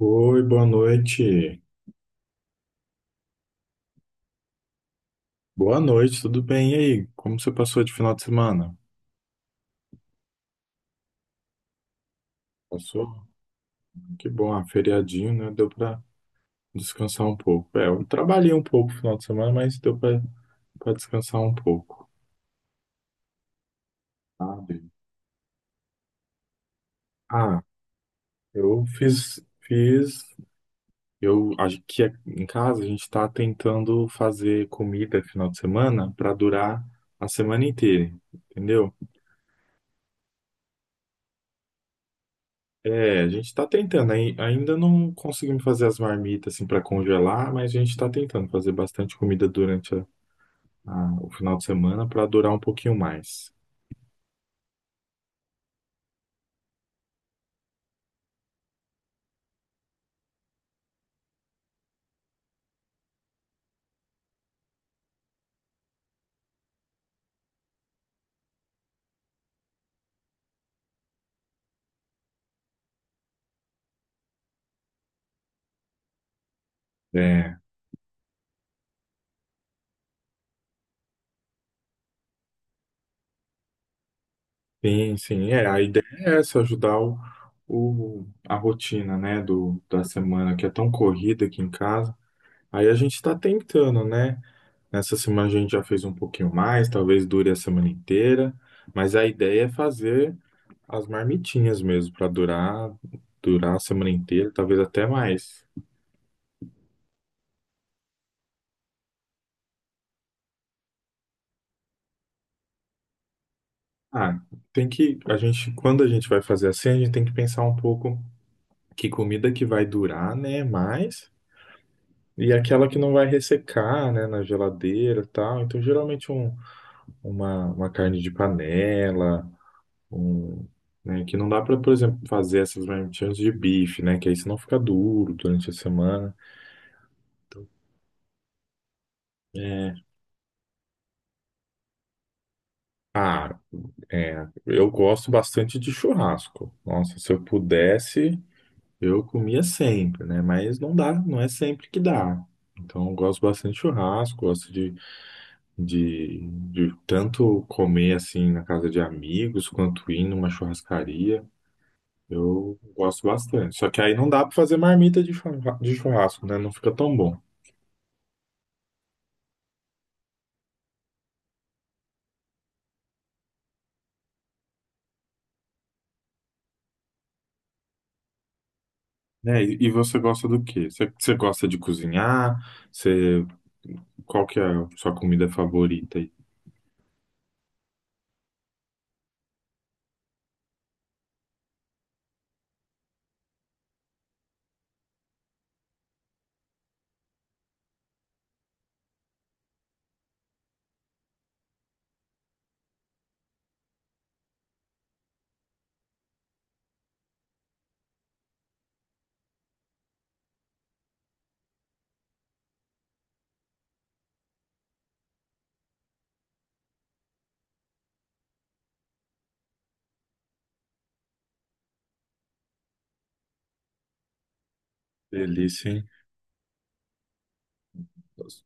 Oi, boa noite. Boa noite, tudo bem? E aí, como você passou de final de semana? Passou? Que bom, feriadinho, né? Deu pra descansar um pouco. É, eu trabalhei um pouco no final de semana, mas deu pra descansar um pouco. Sabe? Ah, eu fiz, eu acho que aqui em casa a gente tá tentando fazer comida final de semana pra durar a semana inteira, entendeu? É, a gente tá tentando, ainda não conseguimos fazer as marmitas assim para congelar, mas a gente tá tentando fazer bastante comida durante o final de semana para durar um pouquinho mais. É, sim, sim, é, a ideia é essa, ajudar a rotina, né, da semana que é tão corrida aqui em casa. Aí a gente tá tentando, né? Nessa semana a gente já fez um pouquinho mais, talvez dure a semana inteira, mas a ideia é fazer as marmitinhas mesmo, para durar, durar a semana inteira, talvez até mais. Ah, a gente, quando a gente vai fazer assim, a gente tem que pensar um pouco que comida que vai durar, né, mais, e aquela que não vai ressecar, né, na geladeira e tal. Então, geralmente uma carne de panela. Um, né, que não dá para, por exemplo, fazer essas marmitinhas de bife, né? Que aí senão fica duro durante a semana. É, ah, é, eu gosto bastante de churrasco. Nossa, se eu pudesse, eu comia sempre, né? Mas não dá, não é sempre que dá. Então, eu gosto bastante de churrasco, gosto de tanto comer assim na casa de amigos, quanto ir numa churrascaria. Eu gosto bastante. Só que aí não dá para fazer marmita de de churrasco, né? Não fica tão bom. Né? E você gosta do quê? Você gosta de cozinhar? Você, qual que é a sua comida favorita aí? Delícia, hein? Você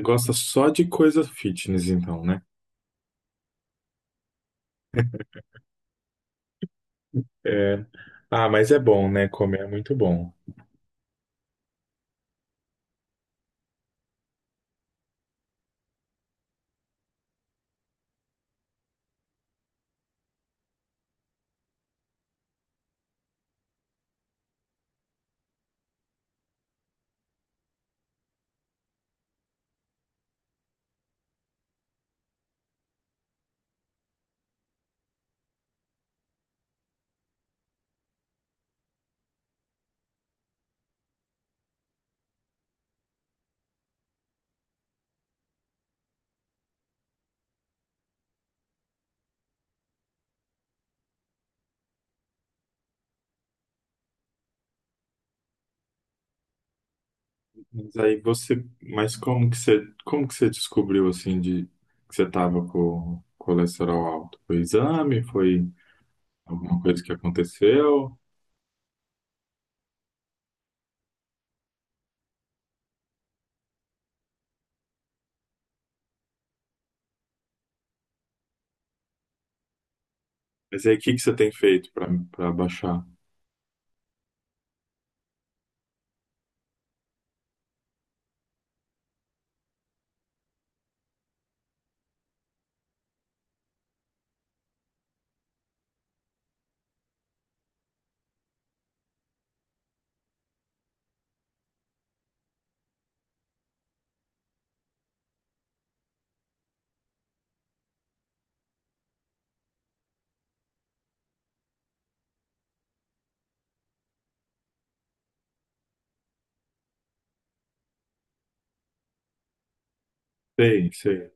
gosta só de coisa fitness, então, né? É. Ah, mas é bom, né? Comer é muito bom. Mas aí você, mas como que você descobriu assim de que você tava com colesterol alto? Foi exame? Foi alguma coisa que aconteceu? Mas aí o que que você tem feito para para baixar? Sei, sei.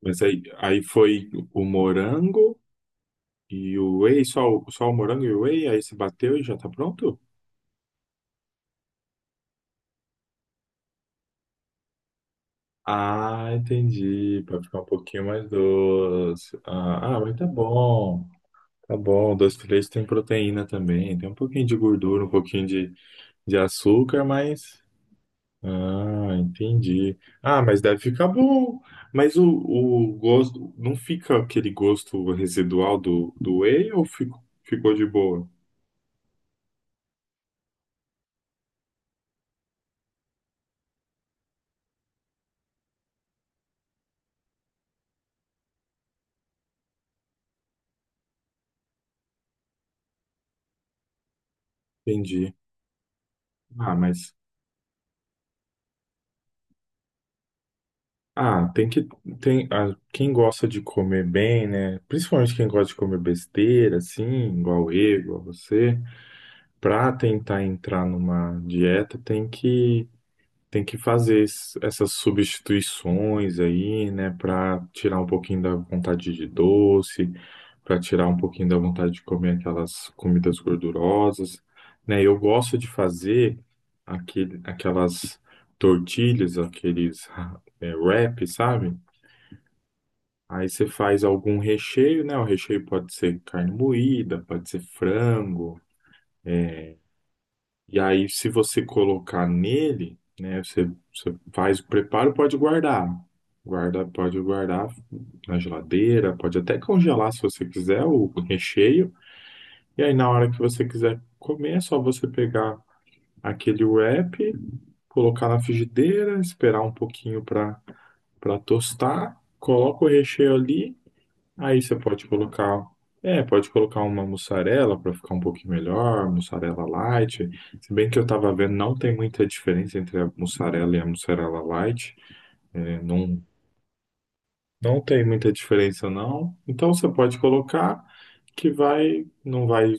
Mas aí, aí foi o morango e o whey, só, só o morango e o whey, aí se bateu e já tá pronto? Ah, entendi, pra ficar um pouquinho mais doce. Ah, ah, mas tá bom, tá bom. Doce de leite tem proteína também, tem um pouquinho de gordura, um pouquinho de açúcar, mas... Ah, entendi. Ah, mas deve ficar bom. Mas o gosto, não fica aquele gosto residual do whey ou ficou de boa? Entendi. Ah. Tem que tem quem gosta de comer bem, né? Principalmente quem gosta de comer besteira, assim, igual eu, igual você, para tentar entrar numa dieta, tem que fazer essas substituições aí, né, para tirar um pouquinho da vontade de doce, para tirar um pouquinho da vontade de comer aquelas comidas gordurosas, né? Eu gosto de fazer aquelas tortilhas, aqueles é, wrap, sabe? Aí você faz algum recheio, né? O recheio pode ser carne moída, pode ser frango. E aí, se você colocar nele, né? Você, você faz o preparo, pode guardar. Guarda, pode guardar na geladeira, pode até congelar se você quiser o recheio. E aí, na hora que você quiser comer, é só você pegar aquele wrap, colocar na frigideira, esperar um pouquinho para para tostar, coloca o recheio ali. Aí você pode colocar, é, pode colocar uma mussarela para ficar um pouquinho melhor, mussarela light. Se bem que eu estava vendo, não tem muita diferença entre a mussarela e a mussarela light. É, não, não tem muita diferença não. Então você pode colocar que vai,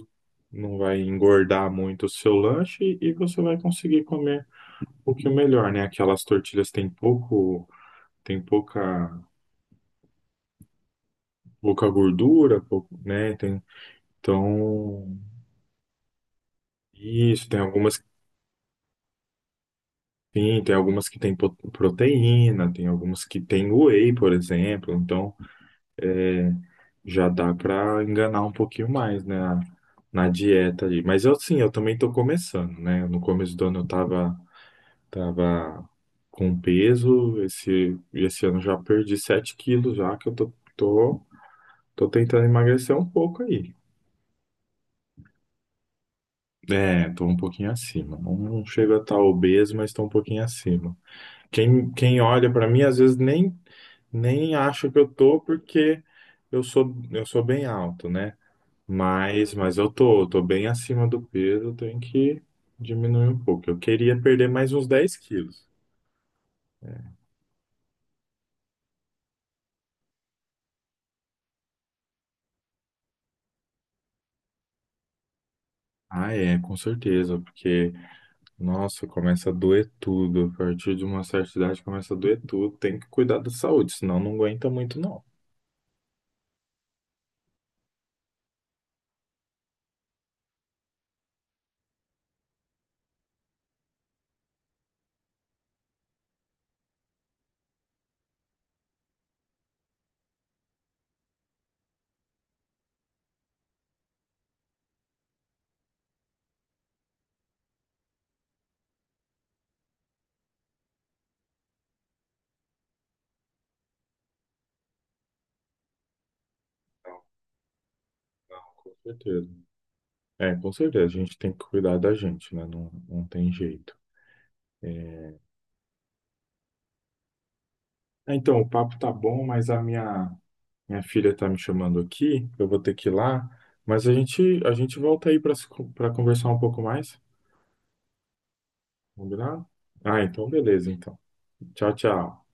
não vai engordar muito o seu lanche e você vai conseguir comer um pouquinho melhor, né? Aquelas tortilhas têm pouco, tem pouca, pouca gordura, pouco, né? Tem, então isso, tem algumas. Sim, tem algumas que têm proteína, tem algumas que têm whey, por exemplo. Então, é, já dá para enganar um pouquinho mais, né, na dieta ali. Mas eu, sim, eu também estou começando, né? No começo do ano eu tava com peso. Esse ano eu já perdi 7 quilos já, que eu tô tentando emagrecer um pouco aí. É, tô um pouquinho acima. Não, não chego a estar obeso, mas tô um pouquinho acima. Quem olha para mim às vezes nem, nem acha que eu tô porque eu sou bem alto, né? Mas eu eu tô bem acima do peso, eu tenho que diminuir um pouco. Eu queria perder mais uns 10 quilos. Ah, é, com certeza, porque nossa, começa a doer tudo. A partir de uma certa idade começa a doer tudo. Tem que cuidar da saúde, senão não aguenta muito não. Não, não, com certeza. É, com certeza, a gente tem que cuidar da gente, né? Não, não tem jeito. É, é, então, o papo tá bom, mas a minha filha tá me chamando aqui. Eu vou ter que ir lá, mas a gente volta aí para para conversar um pouco mais, combinado? Ah, então beleza, então. Tchau, tchau.